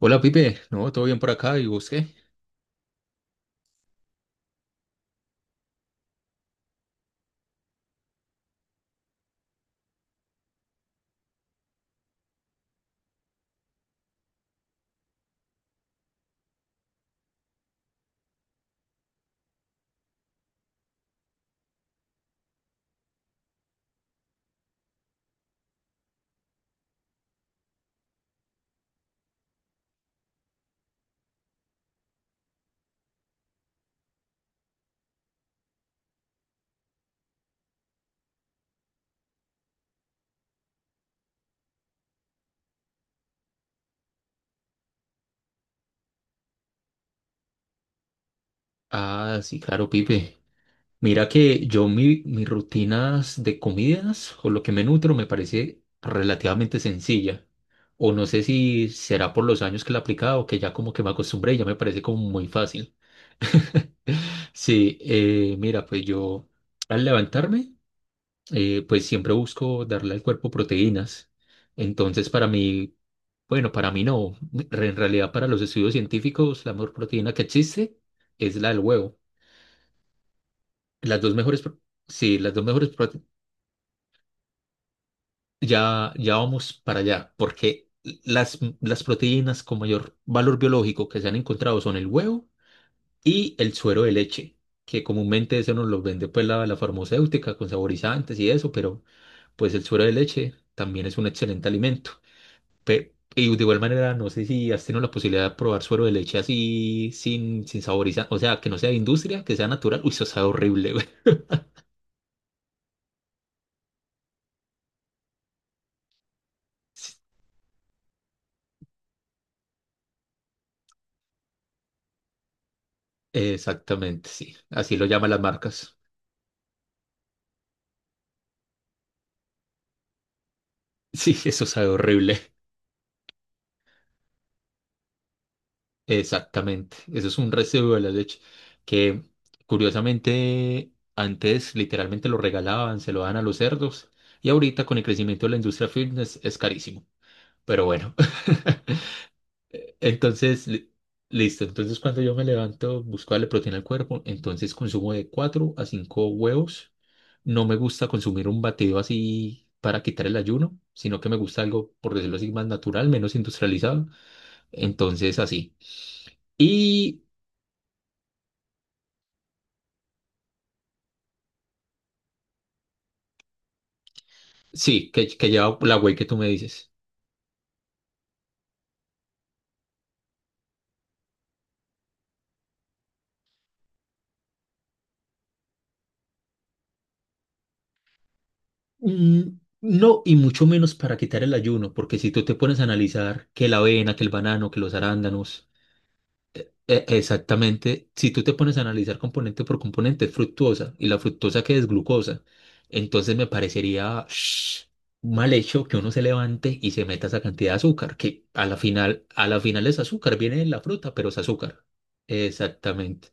Hola Pipe, ¿no? ¿Todo bien por acá? ¿Y vos qué? Ah, sí, claro, Pipe. Mira que yo mis rutinas de comidas o lo que me nutro me parece relativamente sencilla. O no sé si será por los años que la he aplicado, que ya como que me acostumbré y ya me parece como muy fácil. Sí, mira, pues yo al levantarme, pues siempre busco darle al cuerpo proteínas. Entonces, para mí, bueno, para mí, no. En realidad, para los estudios científicos, la mejor proteína que existe es la del huevo. Las dos mejores, pro-. Sí, las dos mejores, prote-. Ya, ya vamos para allá, porque las proteínas con mayor valor biológico que se han encontrado son el huevo y el suero de leche, que comúnmente eso nos lo vende pues la farmacéutica con saborizantes y eso, pero pues el suero de leche también es un excelente alimento. Y de igual manera, no sé si has tenido la posibilidad de probar suero de leche así, sin saborizar, o sea, que no sea de industria, que sea natural. Uy, eso sabe horrible, güey. Sí, exactamente, sí. Así lo llaman las marcas. Sí, eso sabe horrible. Exactamente. Eso es un residuo de la leche que, curiosamente, antes literalmente lo regalaban, se lo dan a los cerdos y ahorita con el crecimiento de la industria fitness es carísimo. Pero bueno. Entonces, listo. Entonces, cuando yo me levanto, busco darle proteína al cuerpo. Entonces, consumo de 4 a 5 huevos. No me gusta consumir un batido así para quitar el ayuno, sino que me gusta algo, por decirlo así, más natural, menos industrializado. Entonces, así. Y sí, que lleva la whey que tú me dices. Mm, no, y mucho menos para quitar el ayuno, porque si tú te pones a analizar que la avena, que el banano, que los arándanos, exactamente, si tú te pones a analizar componente por componente, es fructuosa y la fructosa que es glucosa, entonces me parecería mal hecho que uno se levante y se meta esa cantidad de azúcar, que a la final es azúcar, viene de la fruta, pero es azúcar. Exactamente.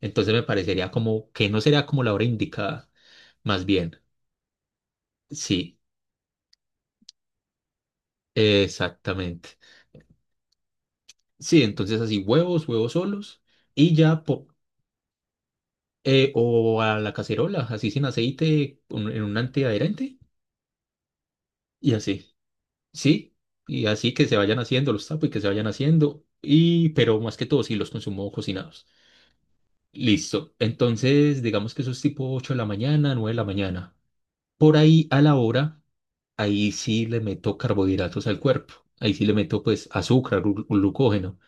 Entonces me parecería como que no sería como la hora indicada, más bien. Sí, exactamente. Sí, entonces así huevos, huevos solos y ya po-. O a la cacerola, así sin aceite, en un antiadherente, y así, sí, y así que se vayan haciendo los tapos y que se vayan haciendo, y pero más que todo, sí, los consumo cocinados. Listo, entonces digamos que eso es tipo 8 de la mañana, 9 de la mañana. Por ahí a la hora, ahí sí le meto carbohidratos al cuerpo, ahí sí le meto pues azúcar, glucógeno.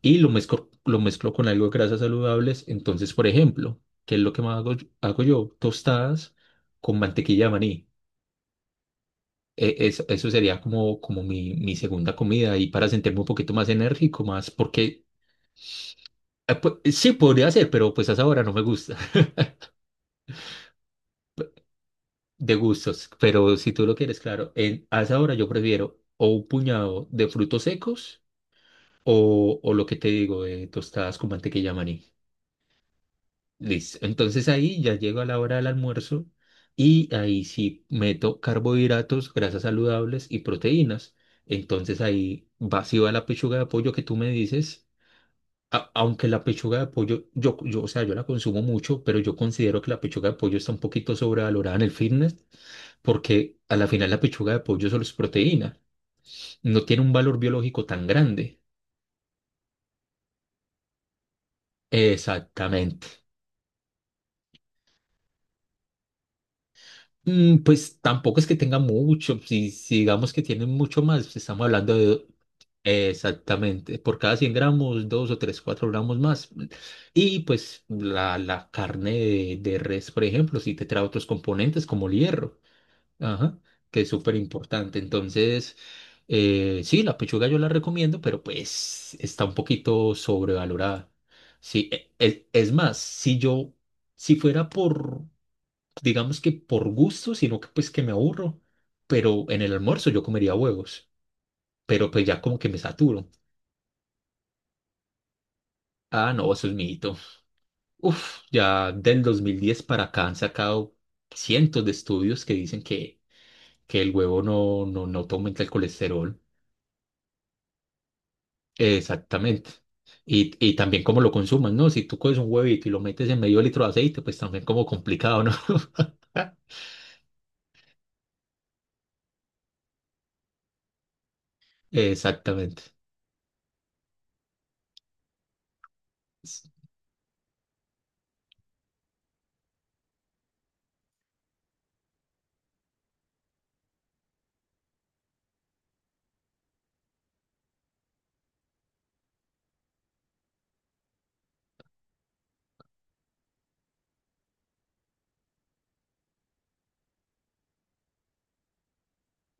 Y lo mezclo con algo de grasas saludables. Entonces, por ejemplo, ¿qué es lo que más hago yo? Tostadas con mantequilla de maní. Eso sería como, como mi segunda comida y para sentirme un poquito más enérgico, más porque sí podría ser, pero pues a esa hora no me gusta. De gustos. Pero si tú lo quieres, claro, a esa hora yo prefiero o un puñado de frutos secos o lo que te digo, de tostadas con mantequilla de maní. Listo. Entonces ahí ya llego a la hora del almuerzo y ahí sí meto carbohidratos, grasas saludables y proteínas. Entonces ahí va, sí va la pechuga de pollo que tú me dices. Aunque la pechuga de pollo, o sea, yo la consumo mucho, pero yo considero que la pechuga de pollo está un poquito sobrevalorada en el fitness porque a la final la pechuga de pollo solo es proteína. No tiene un valor biológico tan grande. Exactamente. Mm, pues tampoco es que tenga mucho, si digamos que tienen mucho más, pues, estamos hablando de, exactamente, por cada 100 gramos, 2 o 3 4 gramos más. Y pues la carne de res, por ejemplo, si te trae otros componentes como el hierro, ajá, que es súper importante. Entonces, sí, la pechuga yo la recomiendo, pero pues está un poquito sobrevalorada. Sí, es más, si fuera por, digamos, que por gusto, sino que pues que me aburro, pero en el almuerzo yo comería huevos, pero pues ya como que me saturo. Ah, no, eso es mito. Uf, ya del 2010 para acá han sacado cientos de estudios que dicen que el huevo no te aumenta el colesterol. Exactamente. Y también cómo lo consumas, ¿no? Si tú coges un huevito y lo metes en medio litro de aceite, pues también como complicado, ¿no? Exactamente.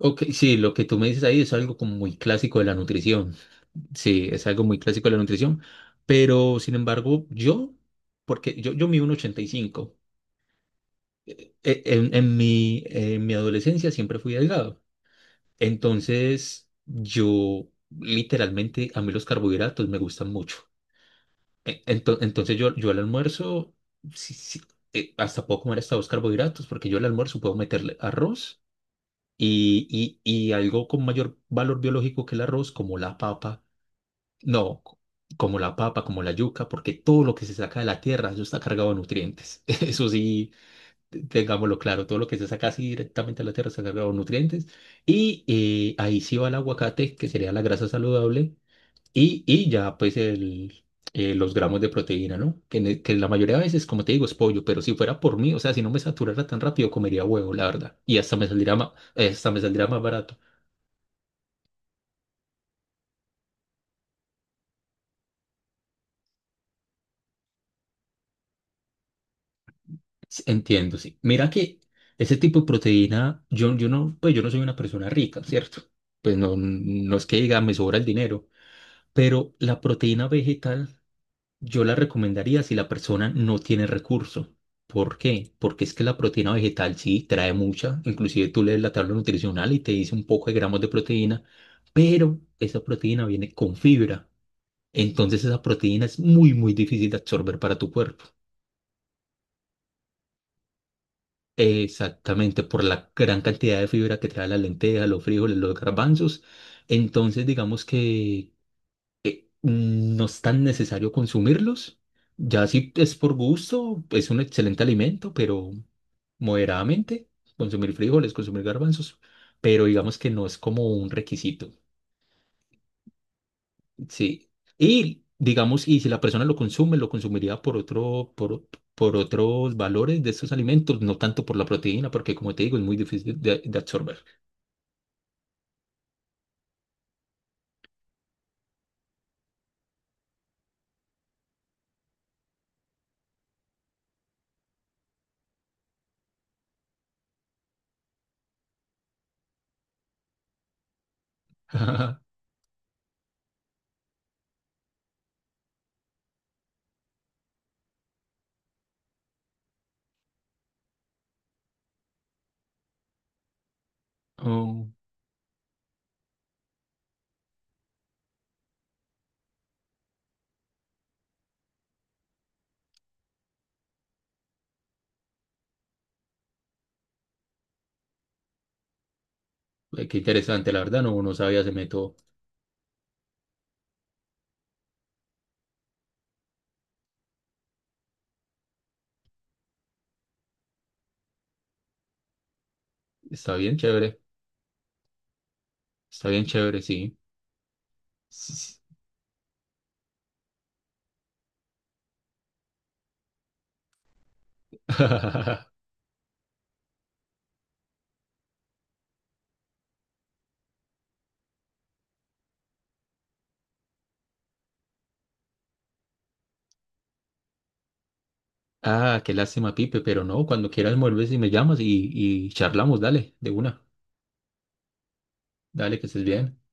Ok, sí, lo que tú me dices ahí es algo como muy clásico de la nutrición. Sí, es algo muy clásico de la nutrición, pero sin embargo, yo, porque yo mido un 85, en mi adolescencia siempre fui delgado, entonces yo literalmente a mí los carbohidratos me gustan mucho. Entonces yo al almuerzo, sí, sí, hasta puedo comer hasta dos carbohidratos, porque yo al almuerzo puedo meterle arroz y, y algo con mayor valor biológico que el arroz, como la papa. No, como la papa, como la yuca, porque todo lo que se saca de la tierra, eso está cargado de nutrientes. Eso sí, tengámoslo claro, todo lo que se saca así directamente de la tierra está cargado de nutrientes. Y, ahí sí va el aguacate, que sería la grasa saludable, y ya pues los gramos de proteína, ¿no? Que que la mayoría de veces, como te digo, es pollo, pero si fuera por mí, o sea, si no me saturara tan rápido, comería huevo, la verdad. Y hasta me saldría más barato. Sí, entiendo, sí. Mira que ese tipo de proteína, yo no, pues yo no soy una persona rica, ¿cierto? Pues no, no es que diga me sobra el dinero, pero la proteína vegetal yo la recomendaría si la persona no tiene recurso. ¿Por qué? Porque es que la proteína vegetal sí trae mucha, inclusive tú lees la tabla nutricional y te dice un poco de gramos de proteína, pero esa proteína viene con fibra. Entonces esa proteína es muy, muy difícil de absorber para tu cuerpo. Exactamente, por la gran cantidad de fibra que trae las lentejas, los frijoles, los garbanzos. Entonces, digamos que, no es tan necesario consumirlos. Ya si es por gusto, es un excelente alimento, pero moderadamente, consumir frijoles, consumir garbanzos, pero digamos que no es como un requisito. Sí. Y digamos, y si la persona lo consume, lo consumiría por otros valores de estos alimentos, no tanto por la proteína, porque como te digo, es muy difícil de absorber. Oh, qué interesante, la verdad, no, no sabía ese método. Está bien chévere, está bien chévere, sí. Sí, sí. Ah, qué lástima, Pipe, pero no, cuando quieras vuelves y me llamas y charlamos, dale, de una, dale que estés bien.